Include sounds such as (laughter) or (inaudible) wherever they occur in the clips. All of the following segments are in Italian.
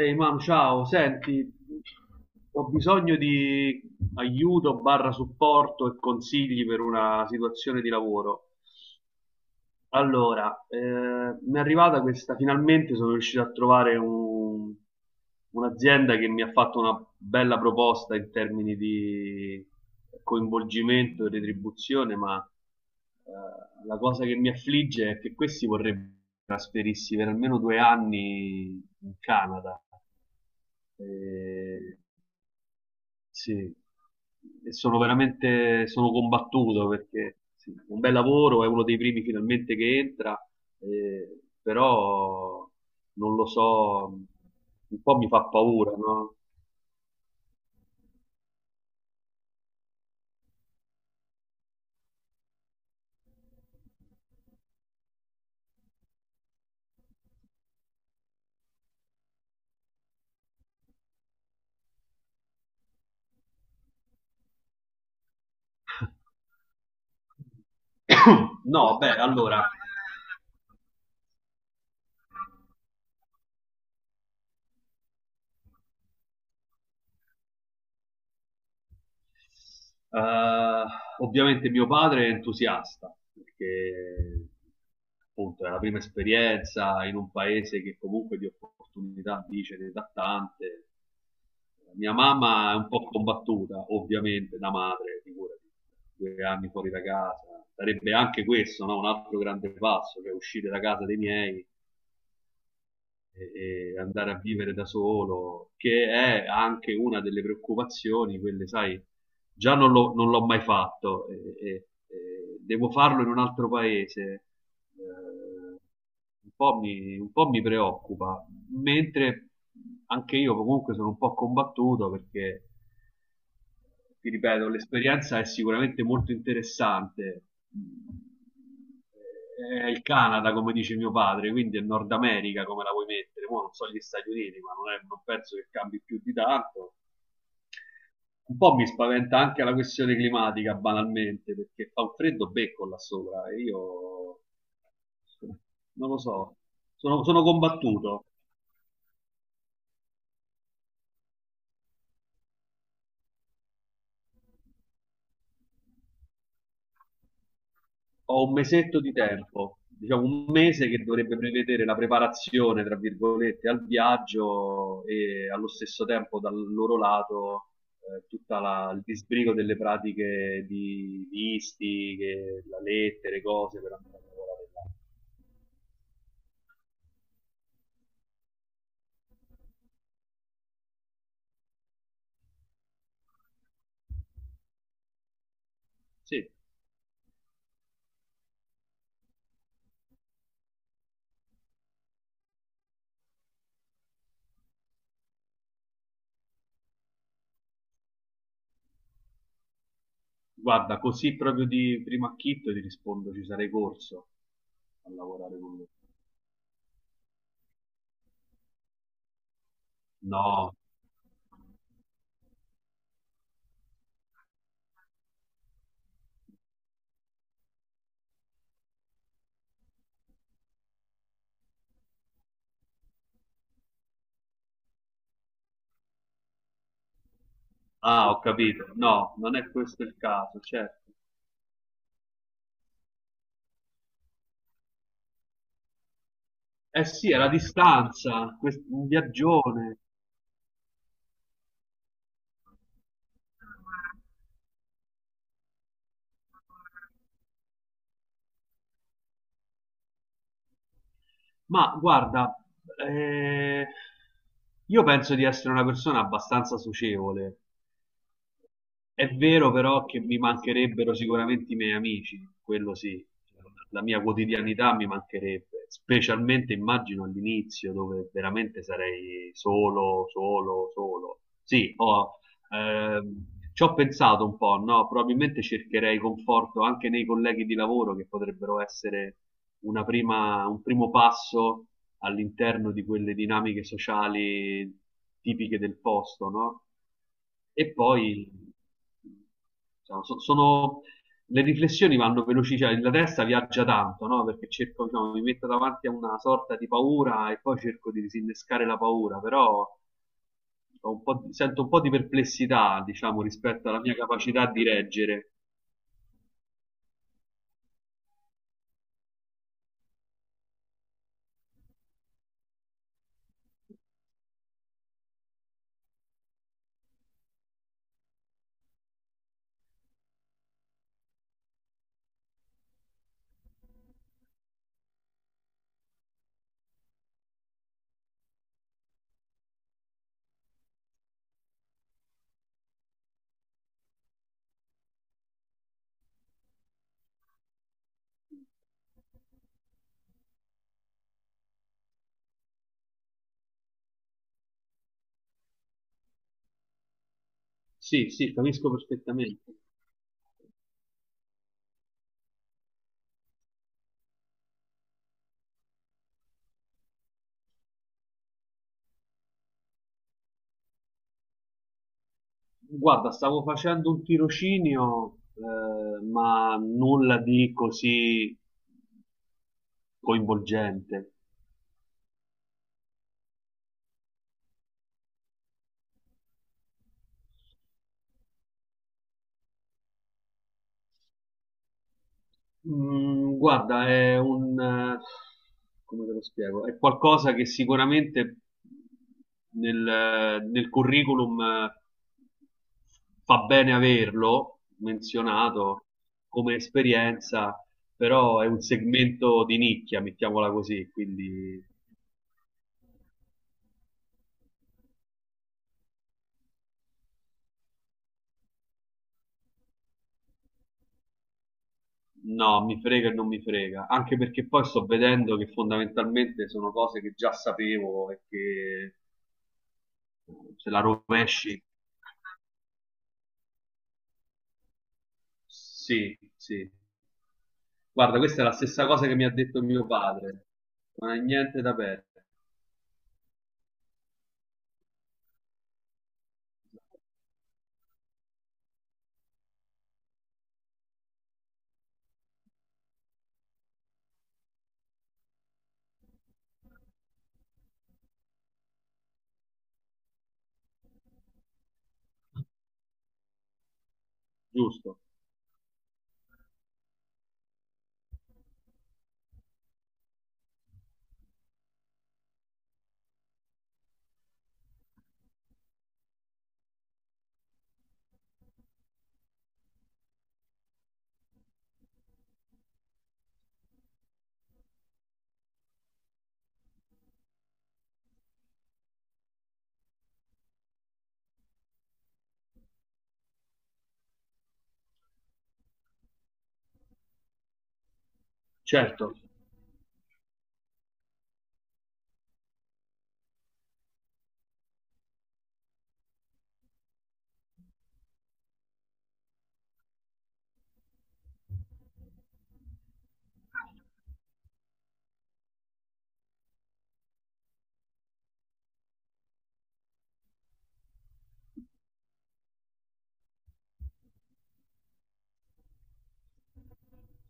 Ehi Mam, ciao, senti, ho bisogno di aiuto barra supporto e consigli per una situazione di lavoro. Allora, mi è arrivata questa. Finalmente sono riuscito a trovare un'azienda che mi ha fatto una bella proposta in termini di coinvolgimento e retribuzione, ma la cosa che mi affligge è che questi vorrebbero trasferirsi per almeno 2 anni in Canada. E, sì, e sono veramente sono combattuto perché sì, un bel lavoro, è uno dei primi finalmente che entra. Però non lo so, un po' mi fa paura, no? (coughs) No, beh, allora, Uh, ovviamente mio padre è entusiasta perché appunto è la prima esperienza in un paese che comunque di opportunità dice ne dà tante. Mia mamma è un po' combattuta, ovviamente, da madre, figurati, 2 anni fuori da casa. Sarebbe anche questo, no? Un altro grande passo, cioè uscire da casa dei miei e andare a vivere da solo, che è anche una delle preoccupazioni, quelle, sai, già non l'ho mai fatto, e devo farlo in un altro paese. eh, un po' mi preoccupa, mentre anche io comunque sono un po' combattuto perché, ti ripeto, l'esperienza è sicuramente molto interessante. È il Canada, come dice mio padre, quindi è Nord America come la vuoi mettere. Mo non so gli Stati Uniti, ma non, non penso che cambi più di tanto. Un po' mi spaventa anche la questione climatica, banalmente, perché fa un freddo becco là sopra e io non lo so, sono combattuto. Ho un mesetto di tempo, diciamo un mese che dovrebbe prevedere la preparazione, tra virgolette, al viaggio e allo stesso tempo dal loro lato, il disbrigo delle pratiche di visti, la lettera, cose per andare a lavorare là. Sì. Guarda, così proprio di primo acchito ti rispondo, ci sarei corso a lavorare con lui. No, ah, ho capito. No, non è questo il caso, certo. Eh sì, è la distanza, un viaggione. Ma guarda, eh, io penso di essere una persona abbastanza socievole. È vero però che mi mancherebbero sicuramente i miei amici, quello sì, la mia quotidianità mi mancherebbe, specialmente immagino all'inizio dove veramente sarei solo, solo, solo. Sì, ehm, ci ho pensato un po', no? Probabilmente cercherei conforto anche nei colleghi di lavoro che potrebbero essere un primo passo all'interno di quelle dinamiche sociali tipiche del posto, no? E poi, diciamo, le riflessioni vanno veloci, cioè la testa viaggia tanto, no? Perché cerco, diciamo, mi metto davanti a una sorta di paura e poi cerco di disinnescare la paura, però ho un po' di- sento un po' di perplessità, diciamo, rispetto alla mia capacità di reggere. Sì, sì, capisco perfettamente. Guarda, stavo facendo un tirocinio, ma nulla di così coinvolgente. Guarda, come te lo spiego? È qualcosa che sicuramente nel curriculum, fa bene averlo menzionato come esperienza, però è un segmento di nicchia, mettiamola così, quindi no, mi frega e non mi frega, anche perché poi sto vedendo che fondamentalmente sono cose che già sapevo e che se la rovesci, sì, sì. Guarda, questa è la stessa cosa che mi ha detto mio padre. Non è niente da perdere. Giusto, certo.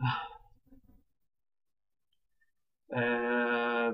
Ah, eh,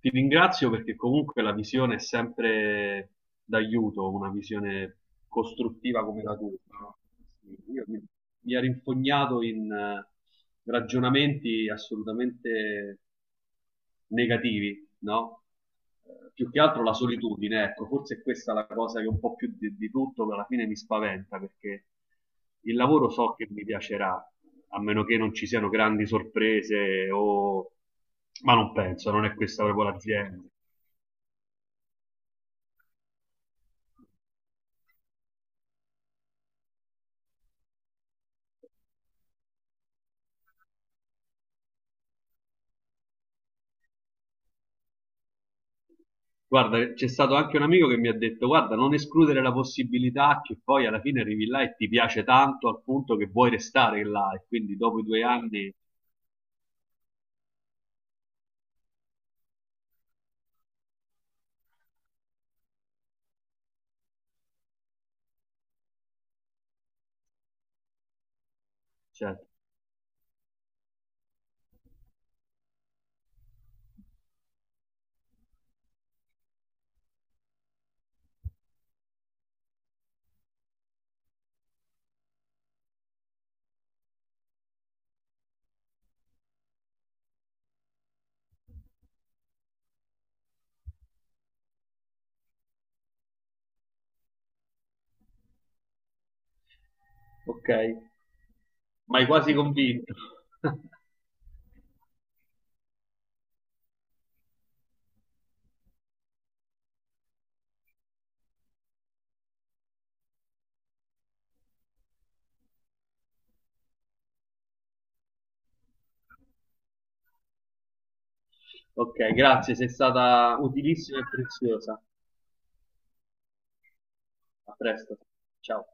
ti ringrazio perché comunque la visione è sempre d'aiuto, una visione costruttiva come la tua, no? Io mi ha rinfognato in ragionamenti assolutamente negativi, no? Più che altro la solitudine, ecco, forse è questa è la cosa che un po' più di tutto alla fine mi spaventa perché il lavoro so che mi piacerà, a meno che non ci siano grandi sorprese o, ma non penso, non è questa proprio l'azienda. Guarda, c'è stato anche un amico che mi ha detto, guarda, non escludere la possibilità che poi alla fine arrivi là e ti piace tanto al punto che vuoi restare là e quindi dopo i 2 anni, cioè, ok, ma hai quasi convinto. (laughs) Ok, grazie, sei stata utilissima e preziosa. A presto. Ciao.